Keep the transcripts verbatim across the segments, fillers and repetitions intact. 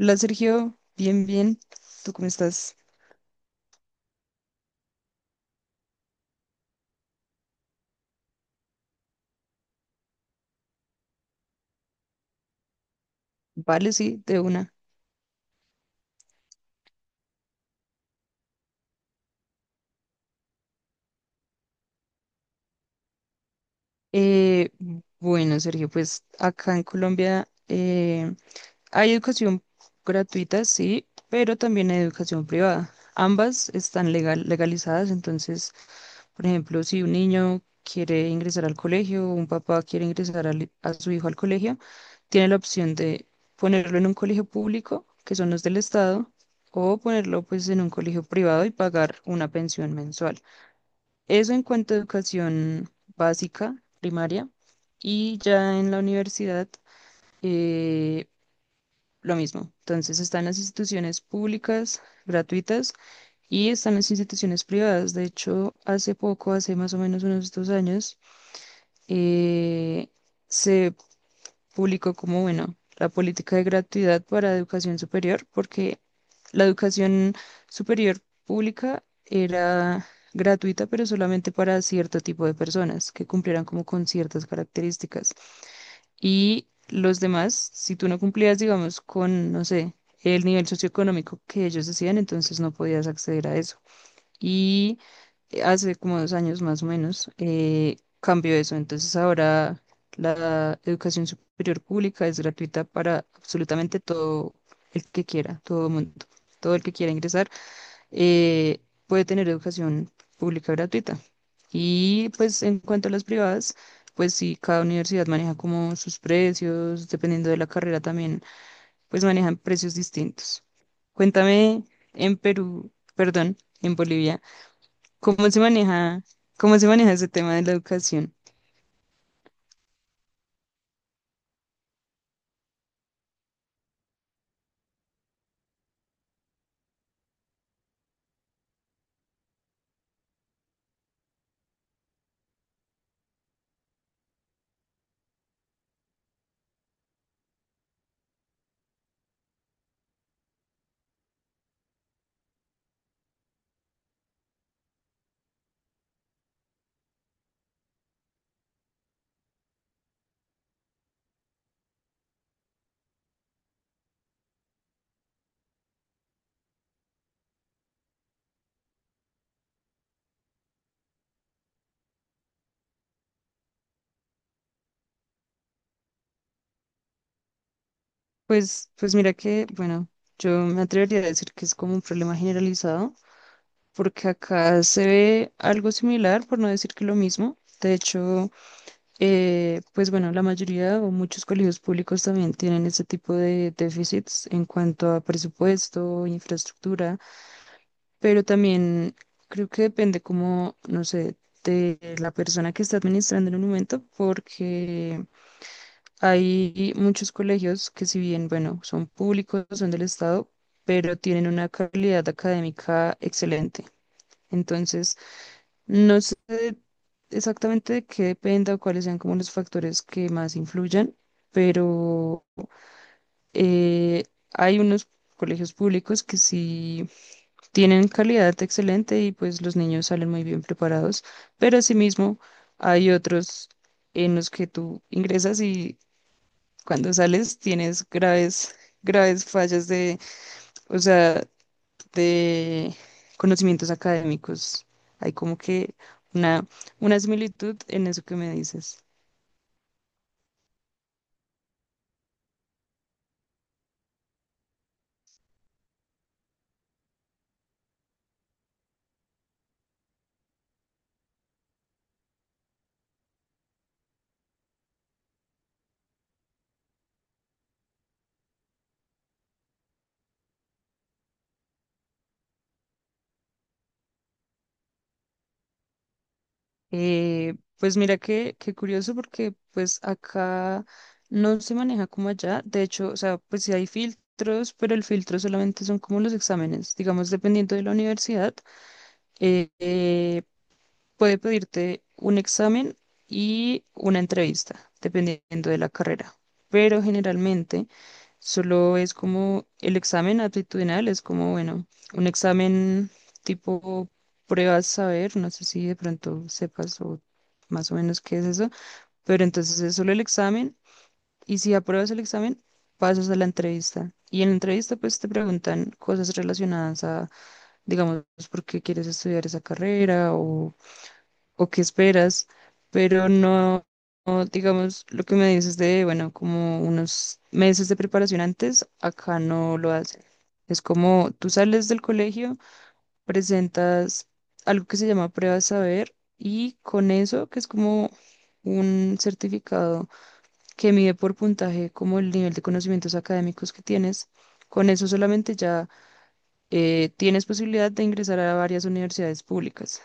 Hola Sergio, bien, bien. ¿Tú cómo estás? Vale, sí, de una. Eh, bueno, Sergio, pues acá en Colombia eh, hay educación gratuita, sí, pero también hay educación privada. Ambas están legal, legalizadas, entonces, por ejemplo, si un niño quiere ingresar al colegio o un papá quiere ingresar al- a su hijo al colegio, tiene la opción de ponerlo en un colegio público, que son los del Estado, o ponerlo pues en un colegio privado y pagar una pensión mensual. Eso en cuanto a educación básica, primaria, y ya en la universidad, eh, lo mismo. Entonces están las instituciones públicas, gratuitas, y están las instituciones privadas. De hecho, hace poco, hace más o menos unos dos años, eh, se público como, bueno, la política de gratuidad para educación superior, porque la educación superior pública era gratuita, pero solamente para cierto tipo de personas que cumplieran como con ciertas características. Y los demás, si tú no cumplías, digamos, con, no sé, el nivel socioeconómico que ellos decían, entonces no podías acceder a eso. Y hace como dos años más o menos, eh, cambió eso. Entonces ahora la educación superior pública es gratuita para absolutamente todo el que quiera, todo mundo, todo el que quiera ingresar, eh, puede tener educación pública gratuita. Y pues en cuanto a las privadas, pues sí, cada universidad maneja como sus precios, dependiendo de la carrera también, pues manejan precios distintos. Cuéntame en Perú, perdón, en Bolivia. ¿Cómo se maneja, cómo se maneja ese tema de la educación? Pues, pues mira que, bueno, yo me atrevería a decir que es como un problema generalizado, porque acá se ve algo similar, por no decir que lo mismo. De hecho, eh, pues bueno, la mayoría o muchos colegios públicos también tienen ese tipo de déficits en cuanto a presupuesto, infraestructura, pero también creo que depende como, no sé, de la persona que está administrando en un momento, porque hay muchos colegios que si bien, bueno, son públicos, son del Estado, pero tienen una calidad académica excelente. Entonces, no sé exactamente de qué dependa o cuáles sean como los factores que más influyan, pero eh, hay unos colegios públicos que sí tienen calidad excelente y pues los niños salen muy bien preparados, pero asimismo hay otros en los que tú ingresas y cuando sales tienes graves, graves fallas de, o sea, de conocimientos académicos. Hay como que una, una similitud en eso que me dices. Eh, pues mira que, qué curioso porque pues acá no se maneja como allá. De hecho, o sea, pues sí hay filtros, pero el filtro solamente son como los exámenes. Digamos, dependiendo de la universidad, eh, eh, puede pedirte un examen y una entrevista, dependiendo de la carrera. Pero generalmente solo es como el examen aptitudinal, es como, bueno, un examen tipo pruebas saber, no sé si de pronto sepas o más o menos qué es eso, pero entonces es solo el examen, y si apruebas el examen, pasas a la entrevista. Y en la entrevista pues te preguntan cosas relacionadas a, digamos, por qué quieres estudiar esa carrera o o qué esperas, pero no, no, digamos, lo que me dices de, bueno, como unos meses de preparación antes, acá no lo hacen. Es como tú sales del colegio, presentas algo que se llama prueba de saber y con eso, que es como un certificado que mide por puntaje como el nivel de conocimientos académicos que tienes, con eso solamente ya, eh, tienes posibilidad de ingresar a varias universidades públicas.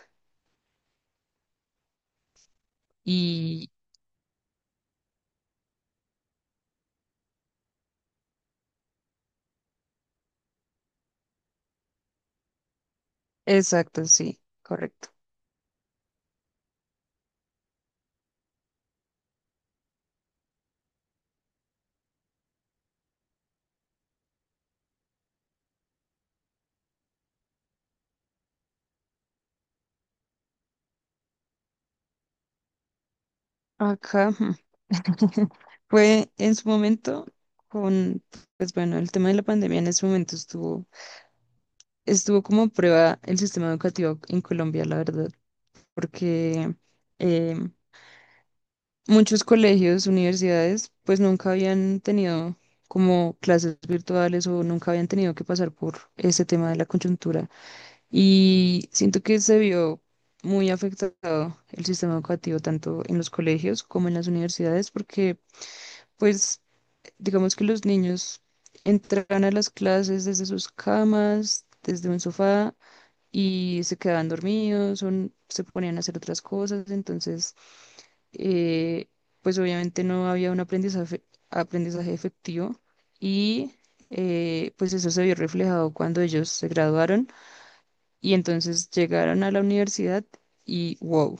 Y exacto, sí, correcto. Acá fue en su momento con, pues bueno, el tema de la pandemia. En ese momento estuvo, estuvo como a prueba el sistema educativo en Colombia, la verdad, porque eh, muchos colegios, universidades, pues nunca habían tenido como clases virtuales o nunca habían tenido que pasar por ese tema de la coyuntura. Y siento que se vio muy afectado el sistema educativo tanto en los colegios como en las universidades, porque… Pues digamos que los niños entran a las clases desde sus camas, desde un sofá y se quedaban dormidos o n- se ponían a hacer otras cosas. Entonces, eh, pues obviamente no había un aprendizaje, aprendizaje, efectivo, y eh, pues eso se vio reflejado cuando ellos se graduaron y entonces llegaron a la universidad, y wow,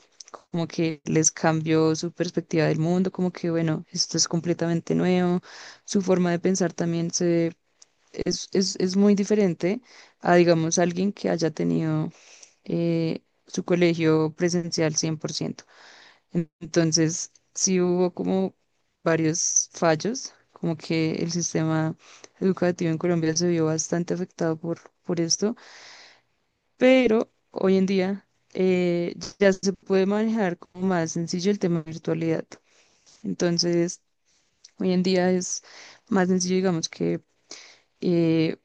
como que les cambió su perspectiva del mundo, como que bueno, esto es completamente nuevo, su forma de pensar también se, es, es, es muy diferente a, digamos, alguien que haya tenido eh, su colegio presencial cien por ciento. En- Entonces, sí hubo como varios fallos, como que el sistema educativo en Colombia se vio bastante afectado por, por esto, pero hoy en día eh, ya se puede manejar como más sencillo el tema de virtualidad. Entonces, hoy en día es más sencillo, digamos, que eh,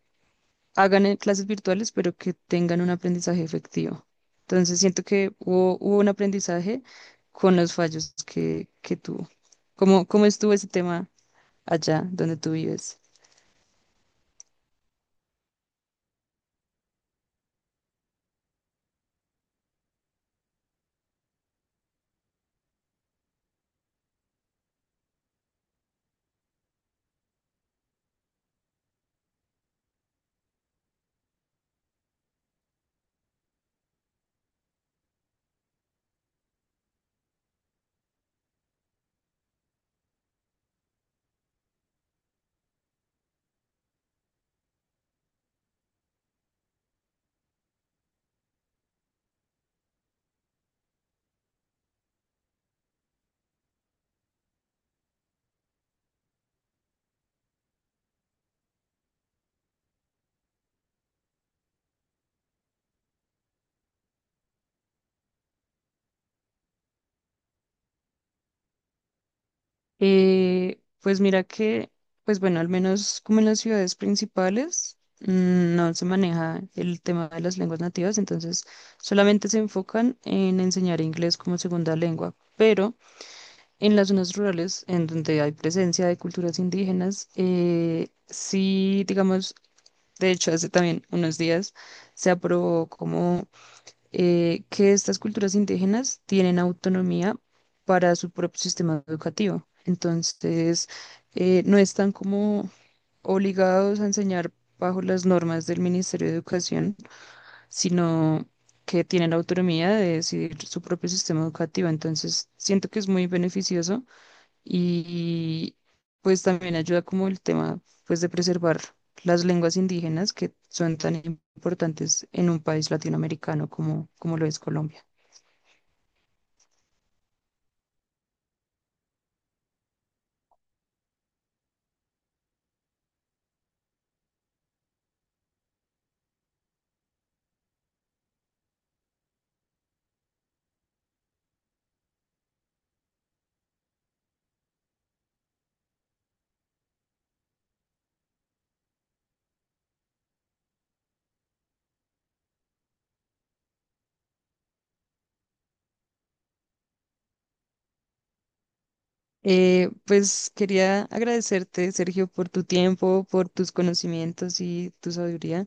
hagan eh, clases virtuales, pero que tengan un aprendizaje efectivo. Entonces, siento que hubo, hubo un aprendizaje con los fallos que, que tuvo. ¿Cómo, cómo estuvo ese tema allá donde tú vives? Eh, pues mira que, pues bueno, al menos como en las ciudades principales, mm, no se maneja el tema de las lenguas nativas, entonces solamente se enfocan en enseñar inglés como segunda lengua, pero en las zonas rurales, en donde hay presencia de culturas indígenas, eh, sí, digamos, de hecho, hace también unos días se aprobó como eh, que estas culturas indígenas tienen autonomía para su propio sistema educativo. Entonces, eh, no están como obligados a enseñar bajo las normas del Ministerio de Educación, sino que tienen autonomía de decidir su propio sistema educativo. Entonces, siento que es muy beneficioso y pues también ayuda como el tema pues de preservar las lenguas indígenas, que son tan importantes en un país latinoamericano como, como lo es Colombia. Eh, pues quería agradecerte, Sergio, por tu tiempo, por tus conocimientos y tu sabiduría.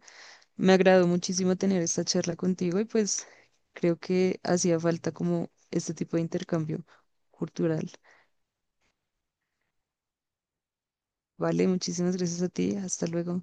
Me agradó muchísimo tener esta charla contigo y pues creo que hacía falta como este tipo de intercambio cultural. Vale, muchísimas gracias a ti. Hasta luego.